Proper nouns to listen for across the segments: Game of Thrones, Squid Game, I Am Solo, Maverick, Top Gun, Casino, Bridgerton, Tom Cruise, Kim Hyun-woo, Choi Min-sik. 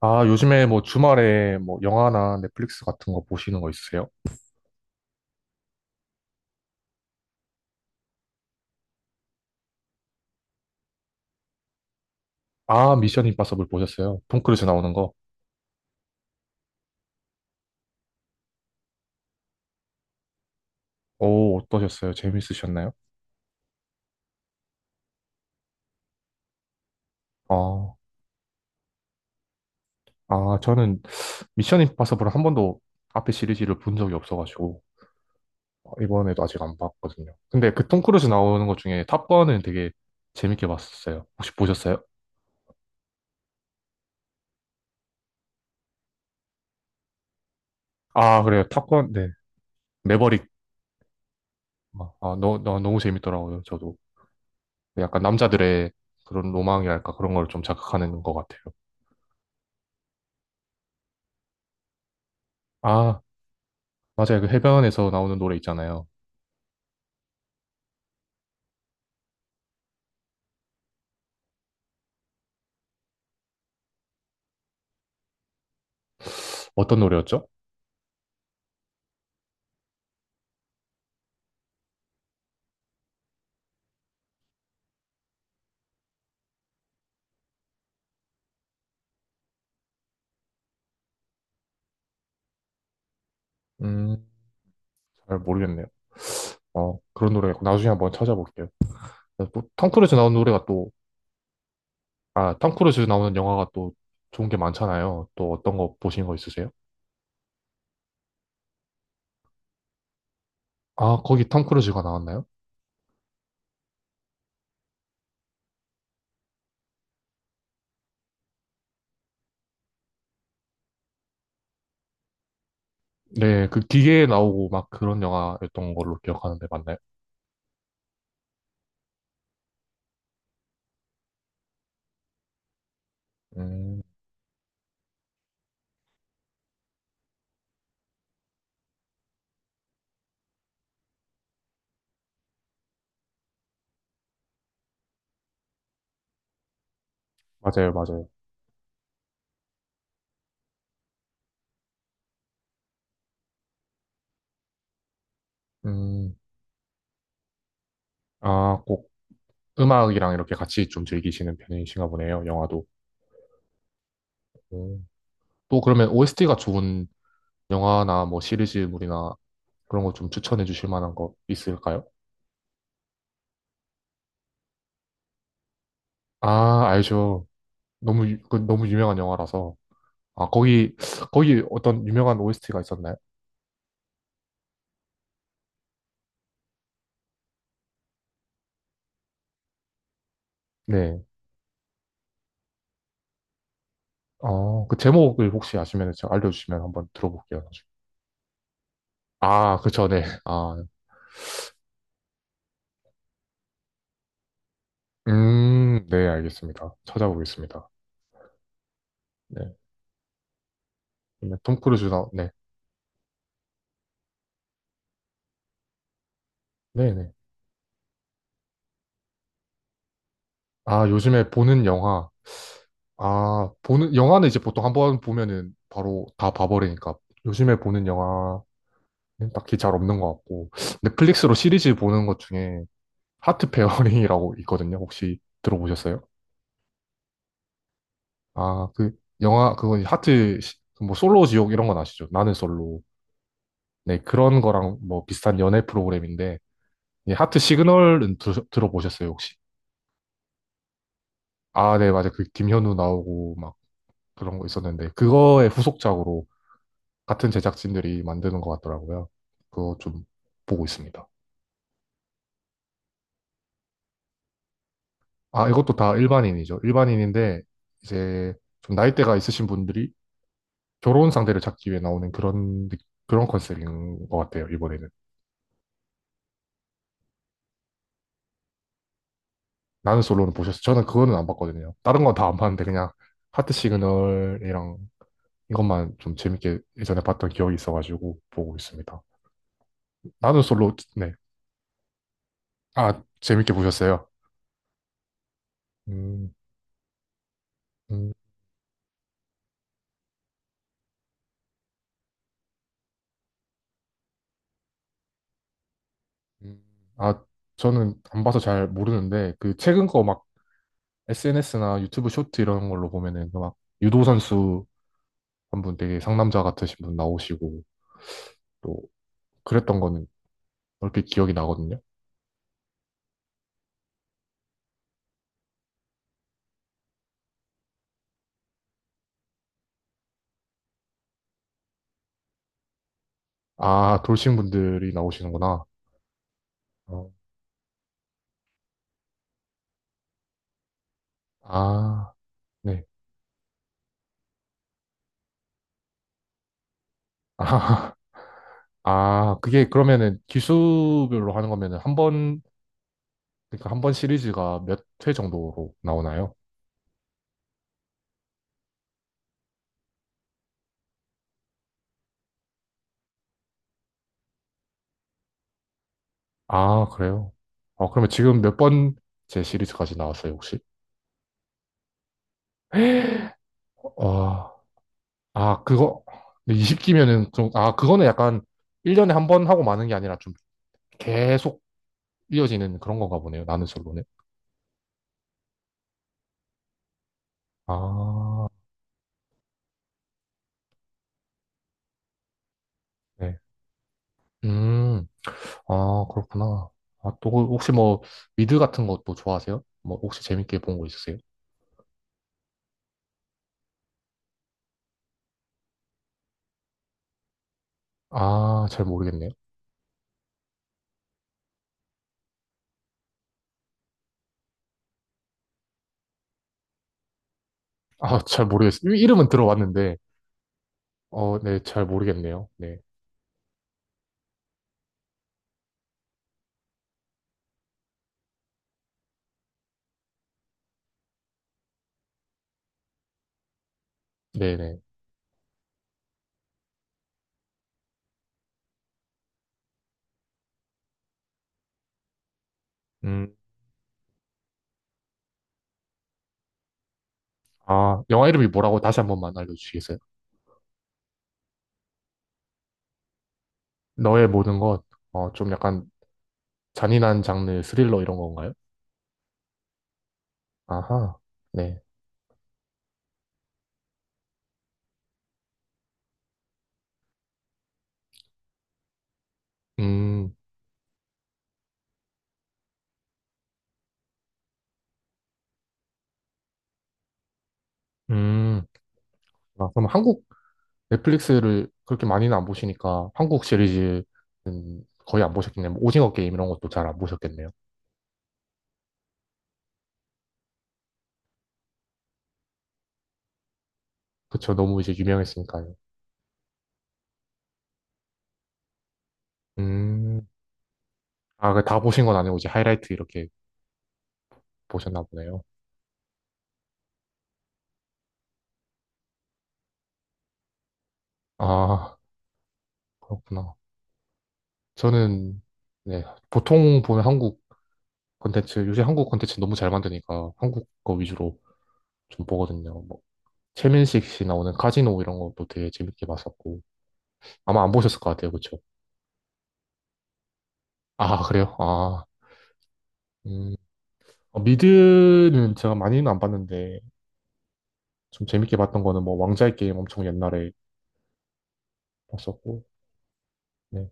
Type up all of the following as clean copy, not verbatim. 아, 요즘에 뭐 주말에 뭐 영화나 넷플릭스 같은 거 보시는 거 있으세요? 아, 미션 임파서블 보셨어요? 톰 크루즈 나오는 거. 오, 어떠셨어요? 재밌으셨나요? 아, 저는 미션 임파서블을 한 번도 앞에 시리즈를 본 적이 없어가지고 아, 이번에도 아직 안 봤거든요. 근데 그 톰 크루즈 나오는 것 중에 탑건은 되게 재밌게 봤었어요. 혹시 보셨어요? 아, 그래요. 탑건, 네. 매버릭. 아, 너무 재밌더라고요, 저도. 약간 남자들의 그런 로망이랄까 그런 걸 좀 자극하는 것 같아요. 아, 맞아요. 그 해변에서 나오는 노래 있잖아요. 어떤 노래였죠? 음, 잘 모르겠네요. 어, 그런 노래였고 나중에 한번 찾아볼게요. 또톰 크루즈 나오는 노래가 또, 아, 톰 크루즈 나오는 영화가 또 좋은 게 많잖아요. 또 어떤 거 보신 거 있으세요? 아, 거기 톰 크루즈가 나왔나요? 네, 그 기계에 나오고 막 그런 영화였던 걸로 기억하는데 맞나요? 음, 맞아요, 맞아요. 음, 아, 꼭 음악이랑 이렇게 같이 좀 즐기시는 편이신가 보네요, 영화도. 음, 또 그러면 OST가 좋은 영화나 뭐 시리즈물이나 그런 거 좀 추천해 주실 만한 거 있을까요? 아, 알죠. 그 너무 유명한 영화라서. 아, 거기, 거기 어떤 유명한 OST가 있었나요? 네. 어, 그 제목을 혹시 아시면 제가 알려주시면 한번 들어볼게요. 나중에. 아, 그쵸, 네. 아, 네, 알겠습니다. 찾아보겠습니다. 네. 그러면 톰 크루즈 나, 네. 네네. 아, 요즘에 보는 영화. 아, 보는, 영화는 이제 보통 한번 보면은 바로 다 봐버리니까. 요즘에 보는 영화. 딱히 잘 없는 것 같고. 넷플릭스로 시리즈 보는 것 중에 하트 페어링이라고 있거든요. 혹시 들어보셨어요? 아, 그 영화 그건 이제 하트 시- 뭐 솔로 지옥 이런 건 아시죠? 나는 솔로. 네, 그런 거랑 뭐 비슷한 연애 프로그램인데 이 하트 시그널은 들어보셨어요, 혹시? 아, 네, 맞아요. 그 김현우 나오고 막 그런 거 있었는데 그거의 후속작으로 같은 제작진들이 만드는 것 같더라고요. 그거 좀 보고 있습니다. 아, 이것도 다 일반인이죠. 일반인인데, 이제 좀 나이대가 있으신 분들이 결혼 상대를 찾기 위해 나오는 그런, 느- 그런 컨셉인 것 같아요, 이번에는. 나는 솔로는 보셨어요? 저는 그거는 안 봤거든요. 다른 건 다 안 봤는데, 그냥 하트 시그널이랑 이것만 좀 재밌게 예전에 봤던 기억이 있어가지고 보고 있습니다. 나는 솔로, 네. 아, 재밌게 보셨어요? 음, 음, 음. 아, 저는 안 봐서 잘 모르는데, 그 최근 거 막 SNS나 유튜브 쇼트 이런 걸로 보면은 그막 유도 선수 한 분 되게 상남자 같으신 분 나오시고 또 그랬던 거는 얼핏 기억이 나거든요. 아, 돌싱 분들이 나오시는구나. 어, 아, 네. 아, 아, 그게 그러면은 기수별로 하는 거면은 한 번, 그러니까 한 번 시리즈가 몇 회 정도로 나오나요? 아, 그래요? 아, 그러면 지금 몇 번째 시리즈까지 나왔어요, 혹시? 아, 아, 그거, 20기면은 좀, 아, 그거는 약간 1년에 한 번 하고 마는 게 아니라 좀 계속 이어지는 그런 건가 보네요, 나는 솔로는. 아, 네. 음, 아, 그렇구나. 아, 또, 그 혹시 뭐, 미드 같은 것도 좋아하세요? 뭐, 혹시 재밌게 본 거 있으세요? 아, 잘 모르겠네요. 아, 잘 모르겠어요. 이름은 들어봤는데, 어, 네, 잘 모르겠네요. 네. 네네. 음, 아, 영화 이름이 뭐라고 다시 한 번만 알려주시겠어요? 너의 모든 것, 어, 좀 약간 잔인한 장르 스릴러 이런 건가요? 아하, 네. 음, 음. 아, 그럼 한국 넷플릭스를 그렇게 많이는 안 보시니까 한국 시리즈 거의 안 보셨겠네요. 뭐 오징어 게임 이런 것도 잘 안 보셨겠네요. 그쵸. 너무 이제 유명했으니까요. 음. 아, 그 다 보신 건 아니고 이제 하이라이트 이렇게 보셨나 보네요. 아, 그렇구나. 저는, 네, 보통 보는 한국 콘텐츠, 요새 한국 콘텐츠 너무 잘 만드니까 한국 거 위주로 좀 보거든요. 뭐, 최민식 씨 나오는 카지노 이런 것도 되게 재밌게 봤었고. 아마 안 보셨을 것 같아요. 그쵸. 아, 그래요? 아, 음. 어, 미드는 제가 많이는 안 봤는데, 좀 재밌게 봤던 거는 뭐, 왕자의 게임 엄청 옛날에 봤었고, 네.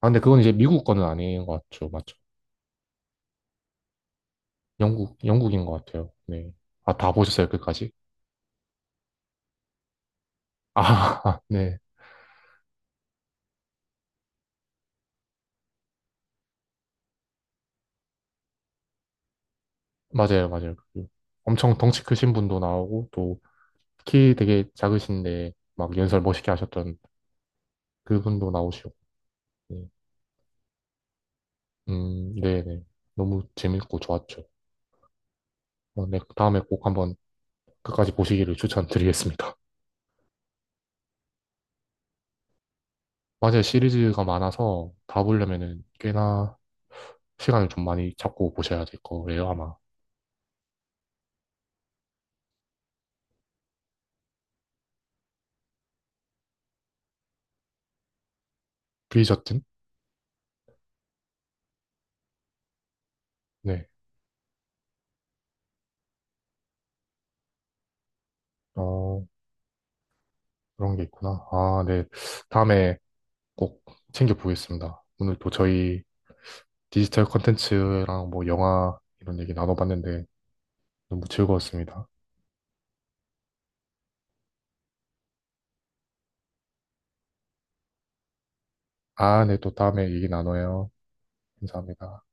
아, 근데 그건 이제 미국 거는 아닌 것 같죠. 맞죠? 영국, 영국인 것 같아요. 네. 아, 다 보셨어요, 끝까지? 아, 네. 맞아요, 맞아요. 그 엄청 덩치 크신 분도 나오고, 또, 키 되게 작으신데, 막 연설 멋있게 하셨던 그분도 나오시고, 네. 네네. 너무 재밌고 좋았죠. 어, 네. 다음에 꼭 한번 끝까지 보시기를 추천드리겠습니다. 맞아요. 시리즈가 많아서 다 보려면은 꽤나 시간을 좀 많이 잡고 보셔야 될 거예요, 아마. 브리저튼? 네. 어, 그런 게 있구나. 아, 네. 다음에 꼭 챙겨보겠습니다. 오늘 또 저희 디지털 콘텐츠랑 뭐 영화 이런 얘기 나눠봤는데 너무 즐거웠습니다. 아, 네. 또 다음에 얘기 나눠요. 감사합니다.